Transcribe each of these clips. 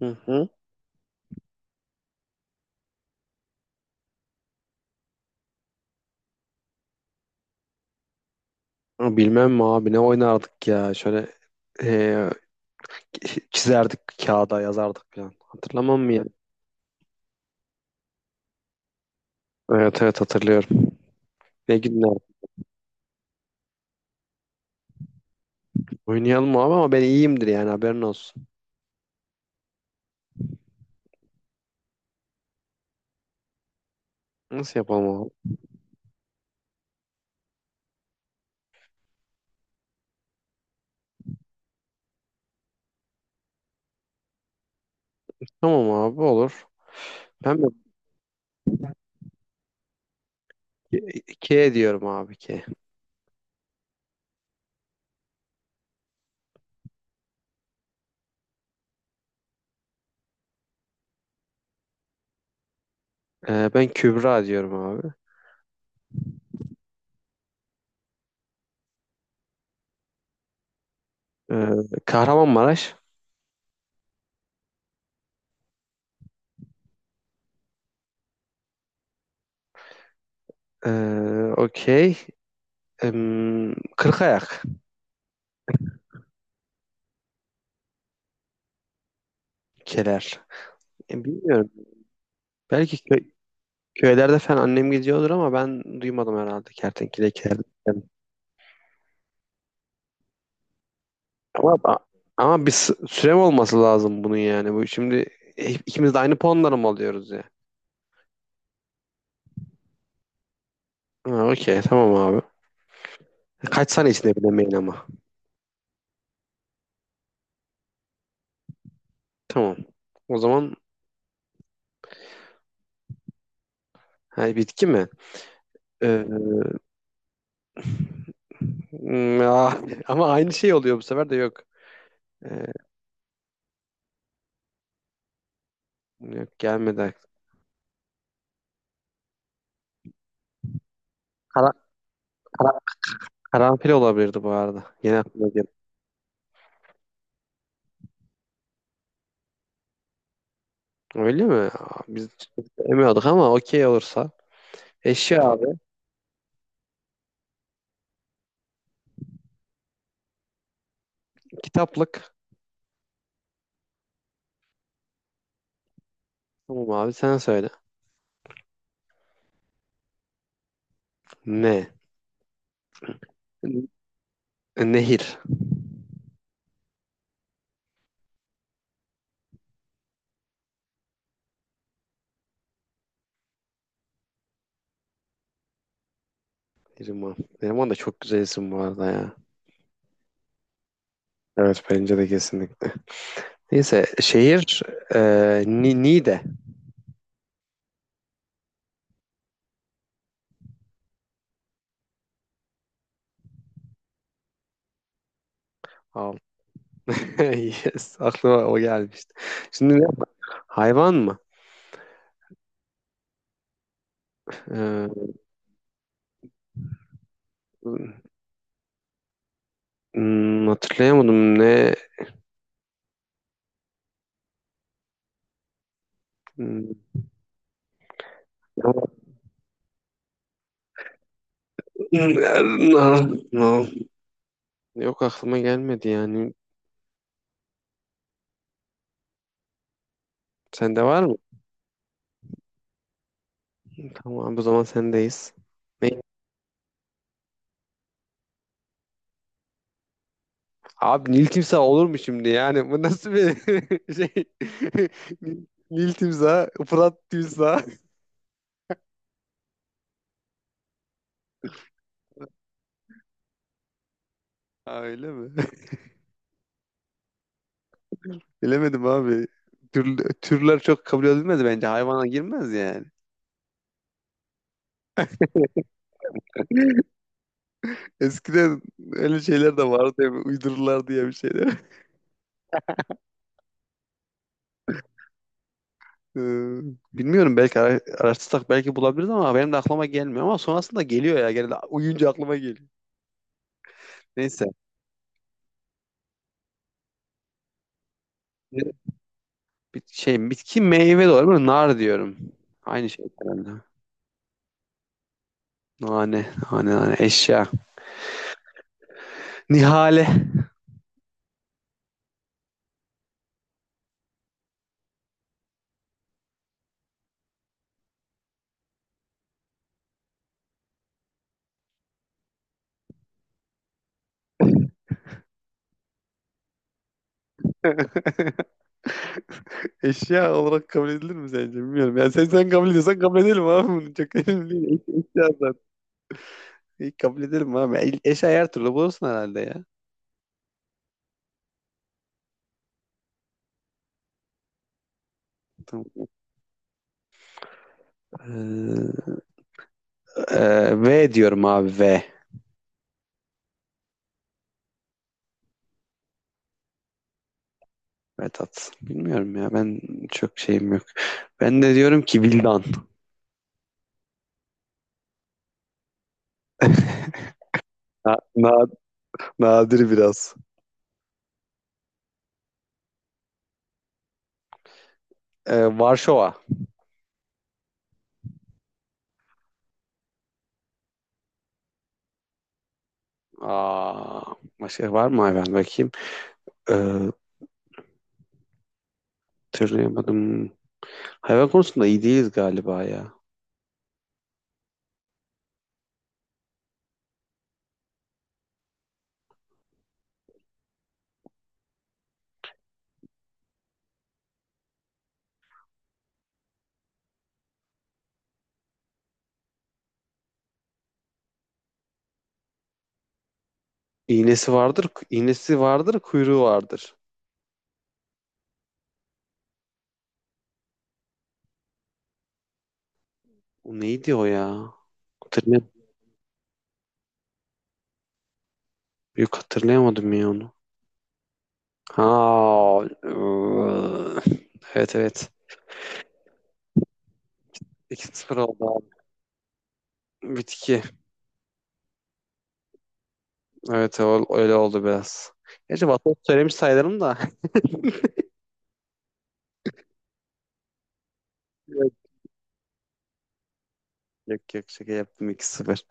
Hı hı. Ama bilmem mi abi, ne oynardık ya şöyle, eee, çizerdik, kağıda yazardık falan, hatırlamam mı ya? Evet, evet, hatırlıyorum. Ne günler. Oynayalım abi, ama ben iyiyimdir yani, haberin olsun. Nasıl yapalım abi? Tamam abi, olur. Ben mi? K diyorum abi, K. Ben Kübra diyorum abi. Kahramanmaraş. Ee, Okey. Kırkayak. Keler. Bilmiyorum. Belki köylerde falan annem gidiyordur, ama ben duymadım herhalde, kertenkele keler. Ama ama bir sürem olması lazım bunun yani. Bu şimdi, ikimiz de aynı puanları mı alıyoruz ya? Ha, okey, tamam abi. Kaç saniye içinde bilemeyin ama. Tamam. O zaman, ha, bitki mi? Ee, ah. Ama aynı şey oluyor bu sefer de, yok. Ee, Yok, gelmedi aklıma. Kara, kara- Karanfil olabilirdi bu arada. Yine aklıma geldi. Öyle mi? Aa, biz emiyorduk ama, okey olursa. Eşya abi. Kitaplık. Tamam abi, sen söyle. Ne? Nehir. Neriman. Neriman da çok güzel isim bu arada ya. Evet, bence de kesinlikle. Neyse, şehir, e, Ni Niğde. Al. Yes, aklıma o gelmişti. Şimdi ne? Hayvan mı? Ee, Hatırlayamadım ne. Hmm, ama- Yok, aklıma gelmedi yani. Sende var mı? Tamam, bu zaman sendeyiz. Ne? Abi, Nil timsah olur mu şimdi yani? Bu nasıl bir şey? Nil, Nil timsah, Fırat timsah. Ha, öyle mi? Bilemedim abi. Türler çok kabul edilmez bence. Hayvana girmez yani. Eskiden öyle şeyler de vardı ya, uydururlar diye bir şeyler. Ee, Bilmiyorum, belki araştırsak belki bulabiliriz, ama benim de aklıma gelmiyor, ama sonrasında geliyor ya, genelde uyuyunca aklıma geliyor. Neyse. Bir şey, bitki meyve de olabilir. Böyle nar diyorum. Aynı şey herhalde. Nane, nane, nane, eşya. Nihale. Eşya olarak kabul edilir mi sence? Bilmiyorum. Yani, sen kabul ediyorsan kabul edelim abi bunu. Çok önemli değil. Eşya zaten. İyi, kabul edelim abi. Eşya her türlü bulursun herhalde ya. Tamam. Ee, V diyorum abi, V. Vedat. Bilmiyorum ya, ben çok şeyim yok. Ben de diyorum ki Vildan. Na- na- Nadir biraz. Varşova. Aa, başka var mı hayvan, bakayım? Ee, Hatırlayamadım. Hayvan konusunda iyi değiliz galiba ya. İğnesi vardır, kuyruğu vardır. O neydi o ya? Hatırlayam Yok, hatırlayamadım ya onu. Ha, ıı, evet, evet. 2 sıfır oldu abi. Bitki. Evet, öyle oldu biraz. Gerçi Vatos söylemiş sayılırım da. Yok, yok, yok, şaka yaptım 2-0.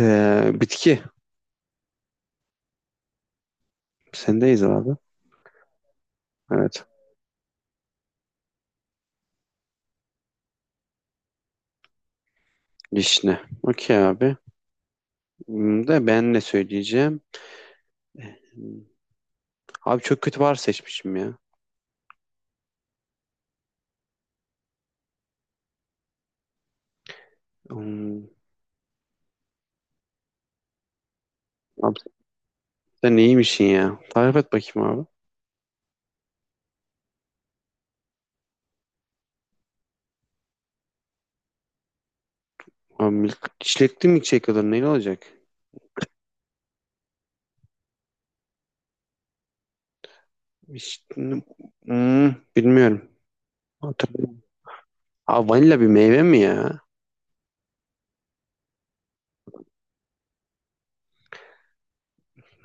Bitki. Sendeyiz abi. Evet. Vişne. Okey abi. De ben ne söyleyeceğim? Hmm, Abi çok kötü var seçmişim ya. Hmm, Abi sen neymişsin ya? Tarif et bakayım abi. Abi, milk, çilekli mi çekiyorlar? Neyle olacak? Vişne- Bilmiyorum. Hatırlamıyorum. Abi, vanilla bir meyve mi ya?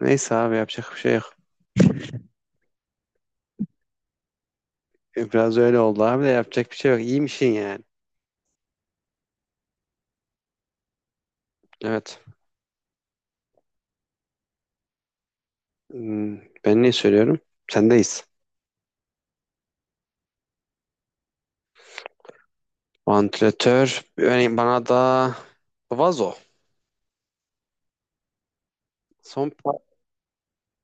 Neyse abi, yapacak bir şey yok. Biraz öyle oldu abi de, yapacak bir şey yok. İyiymişsin yani. Evet. Hmm, Ben ne söylüyorum? Sendeyiz. Vantilatör. Örneğin bana da vazo. Son, pa-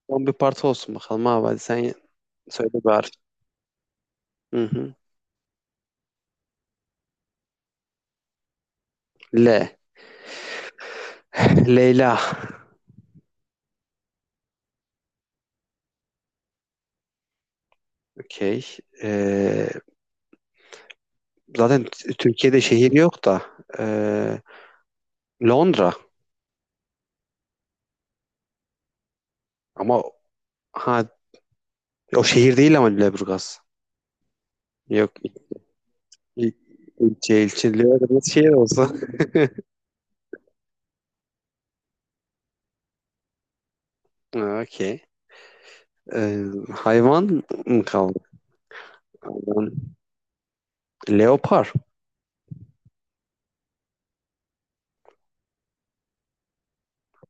Son bir parti olsun bakalım abi. Hadi sen söyle bari. Hı hı. L. Leyla. Okey. Ee, Zaten Türkiye'de şehir yok da. ee, Londra. Ama, ha, o şehir değil ama Lüleburgaz. Yok. İl- ilçe ilçe Lüleburgaz şehir olsa. Ha, okey. Ee, Hayvan mı kaldı? Hayvan. Leopar.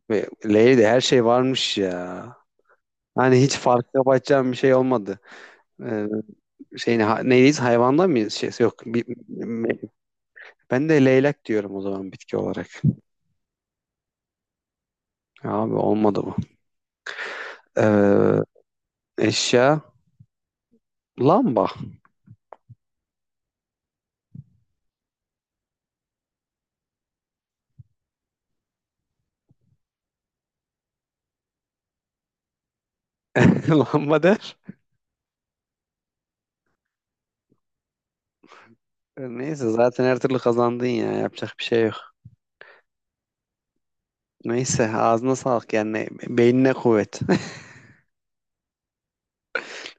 Ve L'de her şey varmış ya. Hani hiç fark yapacağım bir şey olmadı. Ee, şey ne, neyiz, hayvanda mıyız? Şey, yok. Me- Ben de leylek diyorum o zaman, bitki olarak. Abi olmadı bu. Ee, Eşya, lamba. Lamba der. Neyse, zaten her türlü kazandın ya. Yapacak bir şey yok. Neyse, ağzına sağlık yani, beynine kuvvet.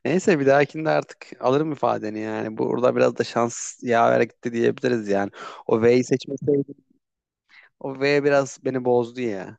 Neyse, bir dahakinde artık alırım ifadeni yani. Burada biraz da şans yaver gitti diyebiliriz yani. O V'yi seçmeseydim. O V biraz beni bozdu ya.